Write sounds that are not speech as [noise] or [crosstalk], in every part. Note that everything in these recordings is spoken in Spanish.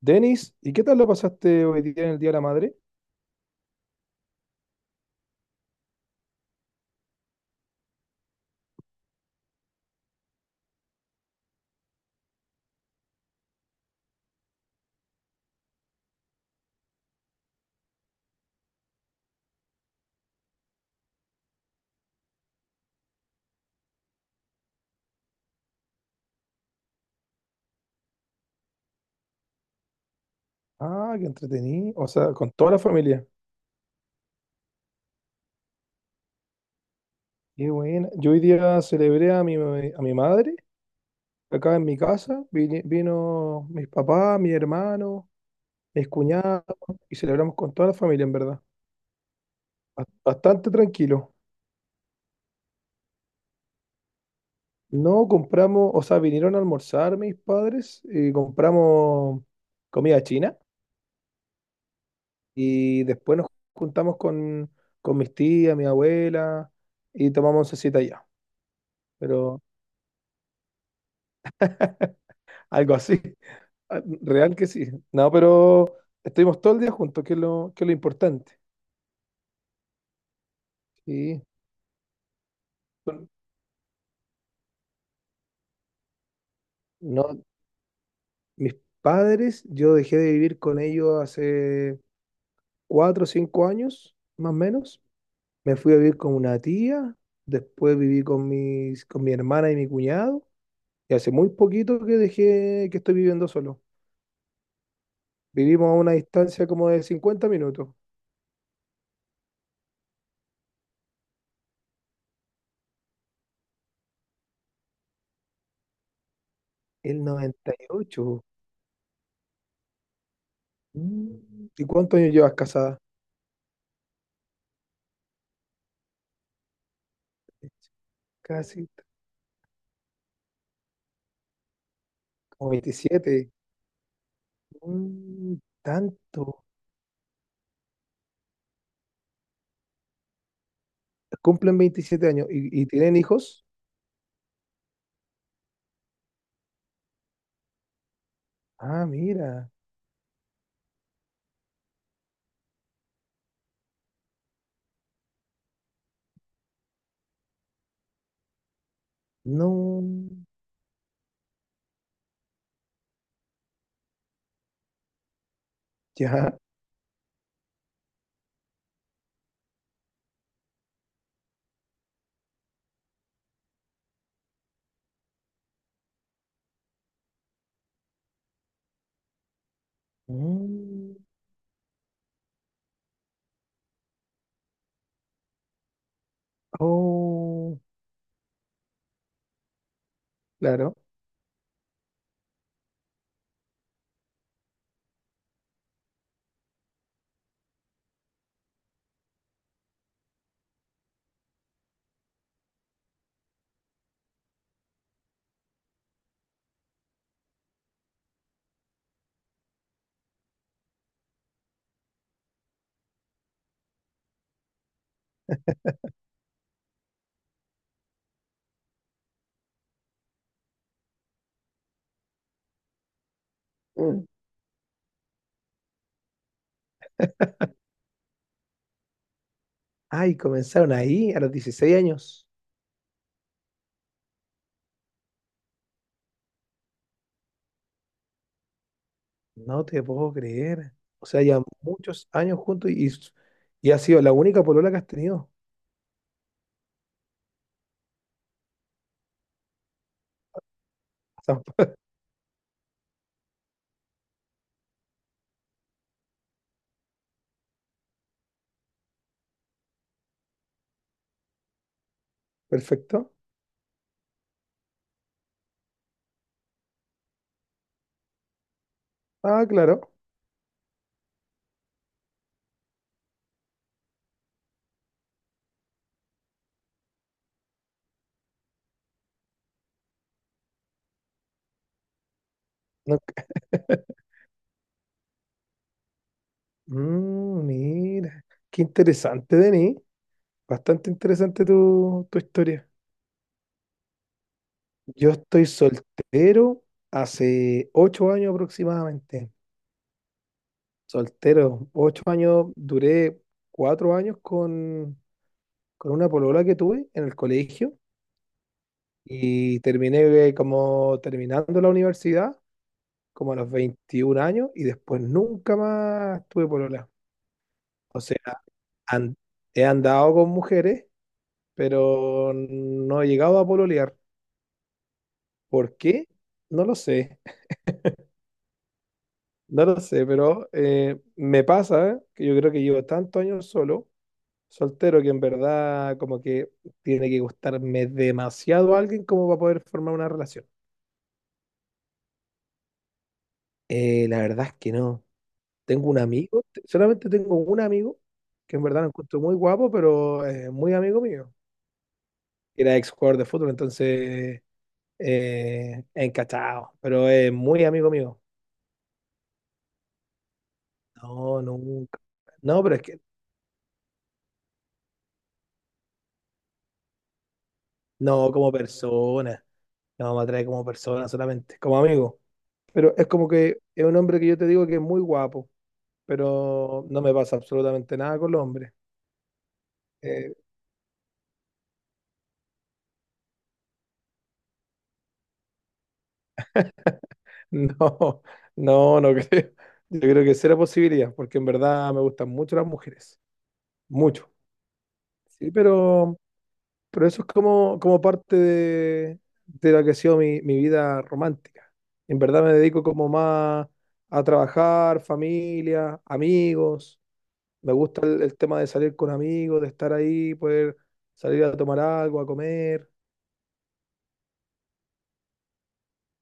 Denis, ¿y qué tal lo pasaste hoy día en el Día de la Madre? Ah, qué entretenido. O sea, con toda la familia. Qué buena. Yo hoy día celebré a mi madre acá en mi casa. Vino mis papás, mi hermano, mis cuñados y celebramos con toda la familia, en verdad. Bastante tranquilo. No compramos, o sea, vinieron a almorzar mis padres y compramos comida china y después nos juntamos con mis tías, mi abuela y tomamos oncecita allá. Pero algo así. Ah, real que sí. No, pero estuvimos todo el día juntos, que es lo importante. Sí. Bueno, no, mis padres, yo dejé de vivir con ellos hace cuatro o cinco años, más o menos. Me fui a vivir con una tía, después viví con mi hermana y mi cuñado, y hace muy poquito que dejé que estoy viviendo solo. Vivimos a una distancia como de cincuenta minutos. El 98. Mm. ¿Y cuántos años llevas casada? Casi como veintisiete. Mm, tanto. Cumplen veintisiete años. ¿Y tienen hijos? Ah, mira. No. Ya. Mm, oh, claro. Mm. Ay, comenzaron ahí a los dieciséis años. No te puedo creer. O sea, ya muchos años juntos y ha sido la única polola que has tenido. Ah, perfecto. Ah, claro. No. [laughs] Mira, qué interesante, Denis. Bastante interesante tu historia. Yo estoy soltero hace ocho años aproximadamente. Soltero, ocho años, duré cuatro años con una polola que tuve en el colegio y terminé, como terminando la universidad, como a los 21 años y después nunca más tuve polola. O sea, an- he andado con mujeres, pero no he llegado a pololear. ¿Por qué? No lo sé. No lo sé, pero me pasa que yo creo que llevo tantos años solo, soltero, que en verdad como que tiene que gustarme demasiado a alguien como para poder formar una relación. La verdad es que no. Tengo un amigo, solamente tengo un amigo, que en verdad lo encuentro muy guapo, pero muy amigo mío. Era ex jugador de fútbol, entonces encachado, pero es muy amigo mío. No, nunca. No, pero es que no como persona. No, me atrae como persona solamente, como amigo. Pero es como que es un hombre que yo te digo que es muy guapo, pero no me pasa absolutamente nada con los hombres. Eh, [laughs] no, no, no creo. Yo creo que será posibilidad, porque en verdad me gustan mucho las mujeres, mucho. Sí, pero eso es como, como parte de lo que ha sido mi vida romántica. En verdad me dedico como más a trabajar, familia, amigos. Me gusta el tema de salir con amigos, de estar ahí, poder salir a tomar algo, a comer.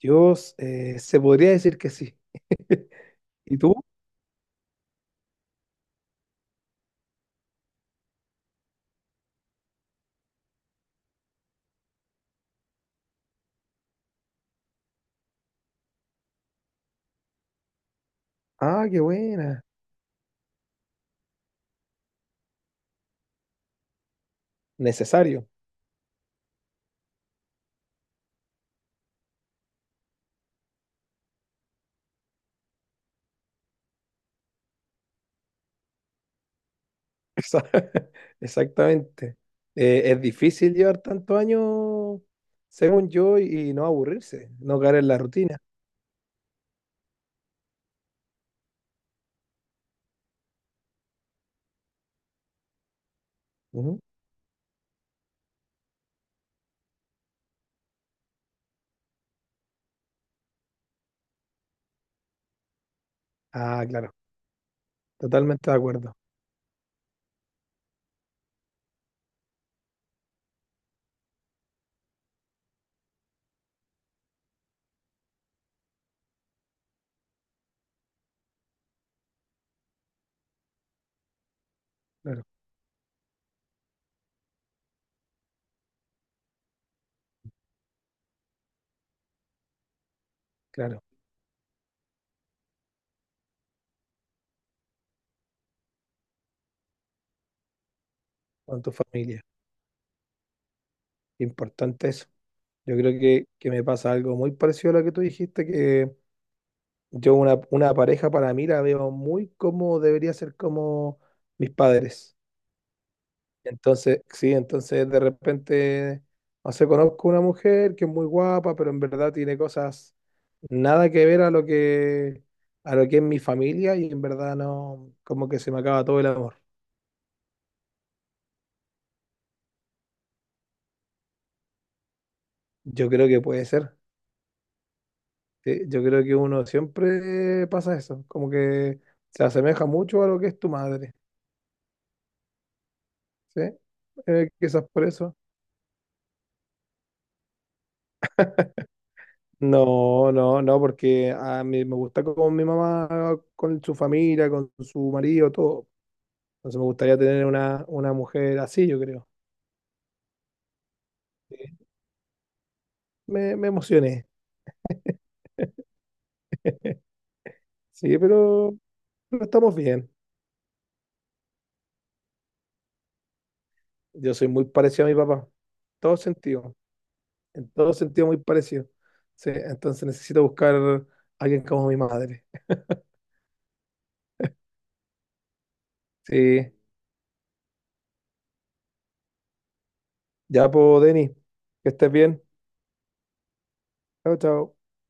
Yo, se podría decir que sí. [laughs] ¿Y tú? Ah, qué buena. Necesario. Esa- [laughs] Exactamente. Es difícil llevar tantos años, según yo, y no aburrirse, no caer en la rutina. Ujú. Ah, claro. Totalmente de acuerdo. Claro, claro. Con tu familia. Importante eso. Yo creo que me pasa algo muy parecido a lo que tú dijiste, que yo una pareja para mí la veo muy como debería ser como mis padres. Entonces, sí, entonces de repente, no sé, conozco una mujer que es muy guapa, pero en verdad tiene cosas nada que ver a lo que es mi familia y en verdad no, como que se me acaba todo el amor. Yo creo que puede ser. Sí, yo creo que uno siempre pasa eso, como que se asemeja mucho a lo que es tu madre, ¿sí? Quizás por eso. No, no, no, porque a mí me gusta con mi mamá, con su familia, con su marido, todo. Entonces me gustaría tener una mujer así, yo creo. Sí. Me emocioné, sí, pero estamos bien. Yo soy muy parecido a mi papá, todo sentido, en todo sentido muy parecido. Sí, entonces necesito buscar a alguien como mi madre. Sí, ya pues, Denis, que estés bien. Chao, chao.